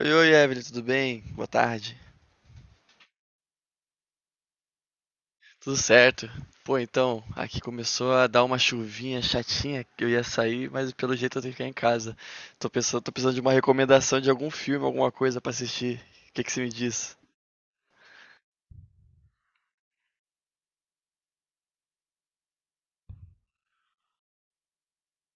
Oi, oi, Evelyn, tudo bem? Boa tarde. Tudo certo. Pô, então, aqui começou a dar uma chuvinha chatinha que eu ia sair, mas pelo jeito eu tenho que ficar em casa. Tô pensando, tô precisando de uma recomendação de algum filme, alguma coisa pra assistir. O que que você me diz?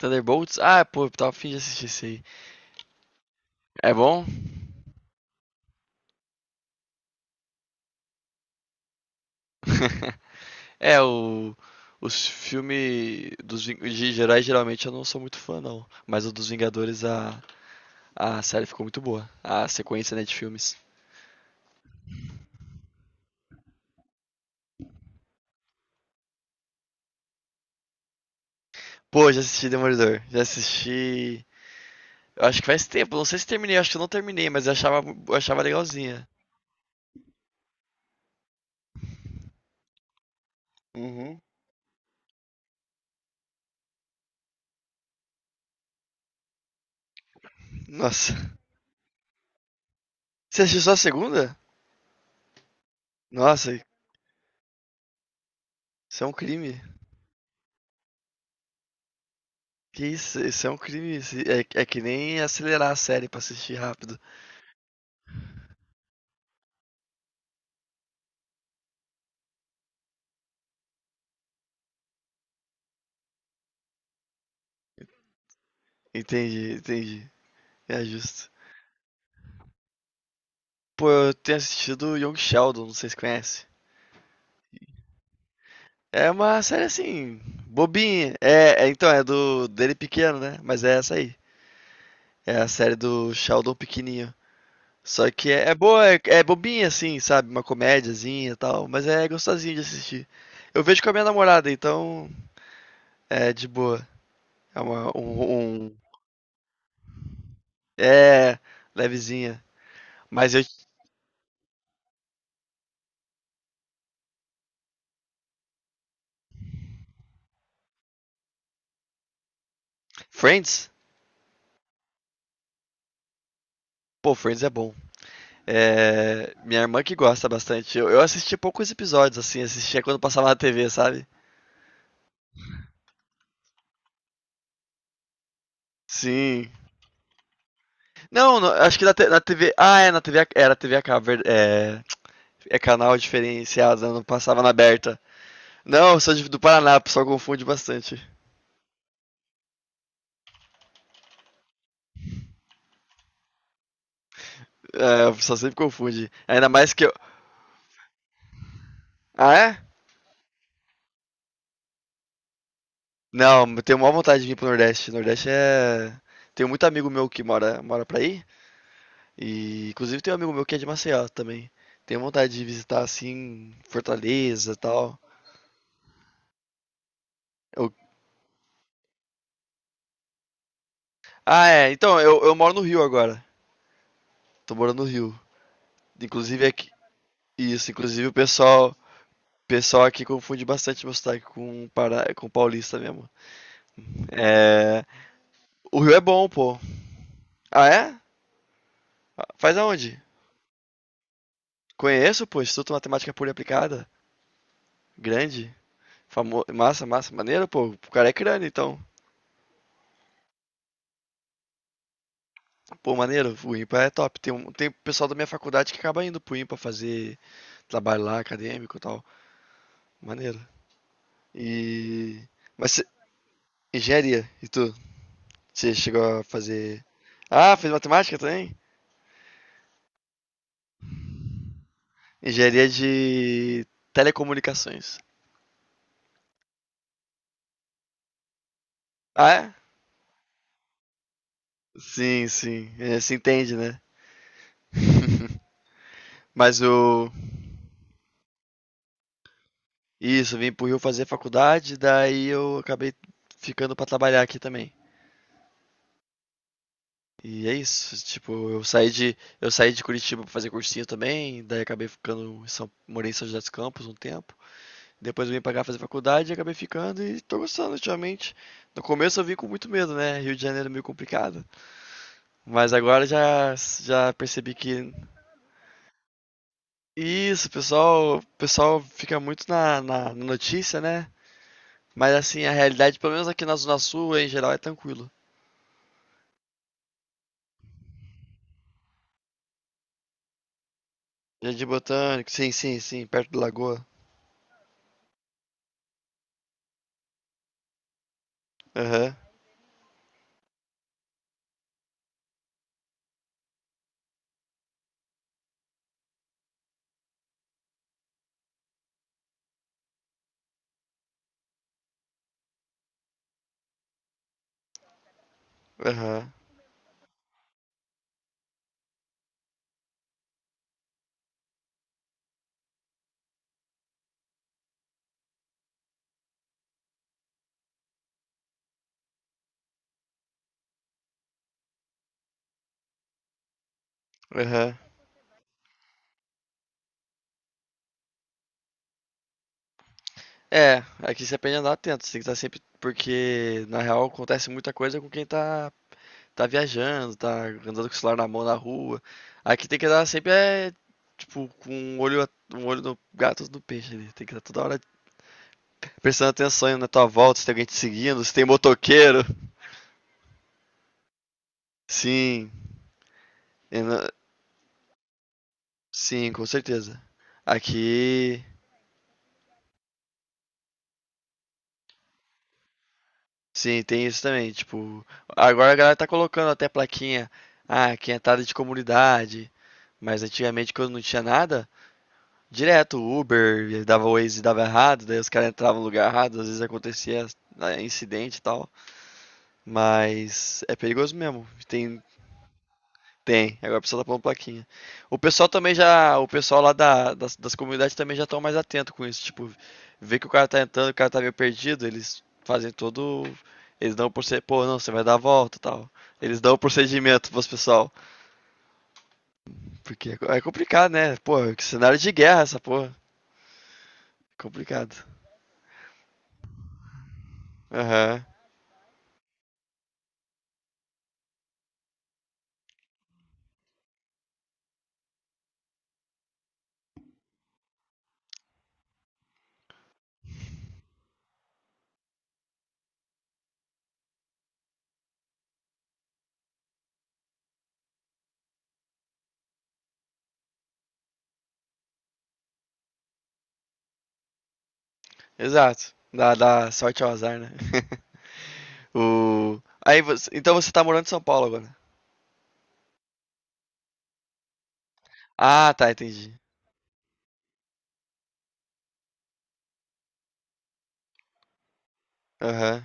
Thunderbolts? Ah, pô, eu tava a fim de assistir esse aí. É bom? É, o, os filmes de heróis geralmente eu não sou muito fã, não. Mas o dos Vingadores, a série ficou muito boa. A sequência, né, de filmes. Pô, já assisti Demolidor. Já assisti. Eu acho que faz tempo, não sei se terminei, acho que eu não terminei, mas eu achava legalzinha. Uhum. Nossa. Você assistiu só a segunda? Nossa, isso é um crime. Que isso é um crime. É, é que nem acelerar a série pra assistir rápido. Entendi, entendi. É justo. Pô, eu tenho assistido Young Sheldon, não sei se conhece. É uma série assim, bobinha. Então, é do dele pequeno, né? Mas é essa aí. É a série do Sheldon pequenininho. Só que é boa, é bobinha assim, sabe? Uma comédiazinha e tal, mas é gostosinho de assistir. Eu vejo com a minha namorada, então é de boa. É uma, um, um- é levezinha. Mas eu, Friends? Pô, Friends é bom. É, minha irmã que gosta bastante. Eu assisti poucos episódios, assim, assistia quando passava na TV, sabe? Sim. Não, não, acho que na TV. Ah, é, na TV. Era TV a cabo, é, é canal diferenciado, né? Não passava na aberta. Não, eu sou do Paraná, o pessoal confunde bastante. É, o pessoal sempre confunde. Ainda mais que eu. Ah, é? Não, eu tenho maior vontade de vir pro Nordeste. Nordeste é. Tenho muito amigo meu que mora pra aí. E inclusive tem um amigo meu que é de Maceió também. Tenho vontade de visitar assim, Fortaleza e tal. Eu- Ah, é. Então, eu moro no Rio agora. Tô morando no Rio. Inclusive aqui. Isso, inclusive o pessoal. O pessoal aqui confunde bastante meu sotaque com, para... com paulista mesmo. É. O Rio é bom, pô. Ah, é? Faz aonde? Conheço, pô, Instituto Matemática Pura e Aplicada. Grande. Famo... Massa, massa. Maneiro, pô. O cara é crânio, então. Pô, maneiro. O IMPA é top. Tem, um... Tem pessoal da minha faculdade que acaba indo pro IMPA fazer trabalho lá, acadêmico e tal. Maneiro. E. Mas cê- engenharia, e tu? Você chegou a fazer. Ah, fez matemática também? Engenharia de telecomunicações. Ah, é? Sim, sim. É, se entende, né? Mas o. Isso, vim pro Rio fazer faculdade, daí eu acabei ficando pra trabalhar aqui também. E é isso, tipo, eu saí de Curitiba pra fazer cursinho também, daí acabei ficando em São, morei em São José dos Campos um tempo. Depois eu vim pra cá fazer faculdade e acabei ficando e tô gostando ultimamente. No começo eu vim com muito medo, né? Rio de Janeiro é meio complicado. Mas agora já percebi que isso, o pessoal fica muito na notícia, né? Mas assim, a realidade, pelo menos aqui na Zona Sul, em geral, é tranquilo. Jardim Botânico, sim, sim, sim, perto da lagoa. Aham, aham, aham. É, aqui você aprende a andar atento, você tem que estar sempre. Porque na real acontece muita coisa com quem tá viajando, tá andando com o celular na mão na rua. Aqui tem que andar sempre, é, tipo, com um olho, um olho no gato e outro no peixe ali. Tem que estar toda hora prestando atenção na tua volta, se tem alguém te seguindo, se tem motoqueiro. Sim, eu não- sim, com certeza. Aqui. Sim, tem isso também. Tipo, agora a galera tá colocando até plaquinha, ah, quinhentada de comunidade. Mas antigamente, quando não tinha nada, direto o Uber, dava Waze e dava errado, daí os caras entravam no lugar errado, às vezes acontecia né, incidente e tal. Mas é perigoso mesmo. Tem, agora o pessoal tá pondo plaquinha. O pessoal lá das comunidades também já estão mais atento com isso, tipo, vê que o cara tá entrando, o cara tá meio perdido, eles fazem todo, eles dão o procedimento, pô, não, você vai dar a volta, e tal. Eles dão o procedimento pros pessoal, porque é é complicado, né? Pô, que cenário de guerra essa porra, é complicado. Aham. Exato. Dá sorte ao azar, né? O Aí você, então você tá morando em São Paulo agora. Ah, tá, entendi. Aham.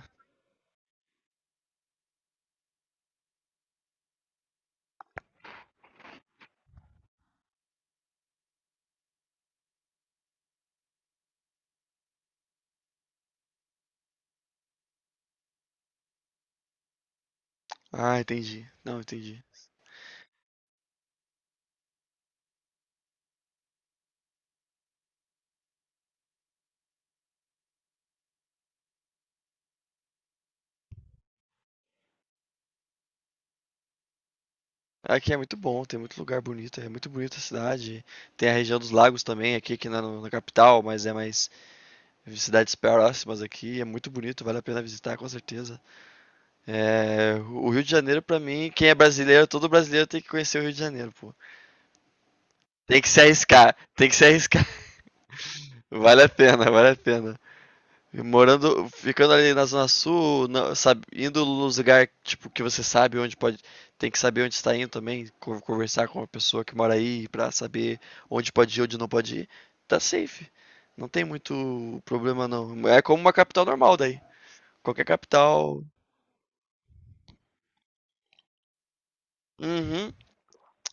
Ah, entendi. Não, entendi. Aqui é muito bom, tem muito lugar bonito, é muito bonita a cidade. Tem a região dos lagos também, aqui que não é na capital, mas é mais cidades próximas aqui, é muito bonito, vale a pena visitar com certeza. É, o Rio de Janeiro pra mim, quem é brasileiro, todo brasileiro tem que conhecer o Rio de Janeiro, pô. Tem que se arriscar, tem que se arriscar. Vale a pena, vale a pena. E Morando, ficando ali na Zona Sul, sabe, indo nos lugares tipo, que você sabe onde pode. Tem que saber onde está indo também, conversar com a pessoa que mora aí pra saber onde pode ir, onde não pode ir. Tá safe. Não tem muito problema, não. É como uma capital normal daí. Qualquer capital. Uhum.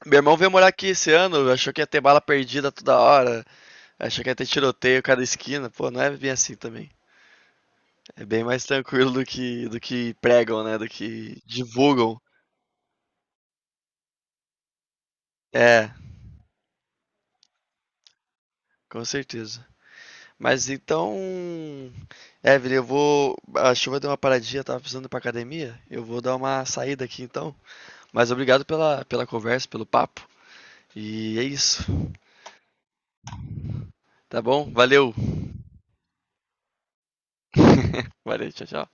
Meu irmão veio morar aqui esse ano, achou que ia ter bala perdida toda hora, achou que ia ter tiroteio a cada esquina. Pô, não é bem assim também. É bem mais tranquilo do que pregam, né? Do que divulgam. É, com certeza. Mas então, Evelyn, eu vou. A chuva deu uma paradinha, eu tava precisando ir pra academia. Eu vou dar uma saída aqui então. Mas obrigado pela, pela conversa, pelo papo. E é isso. Tá bom? Valeu. Valeu, tchau, tchau.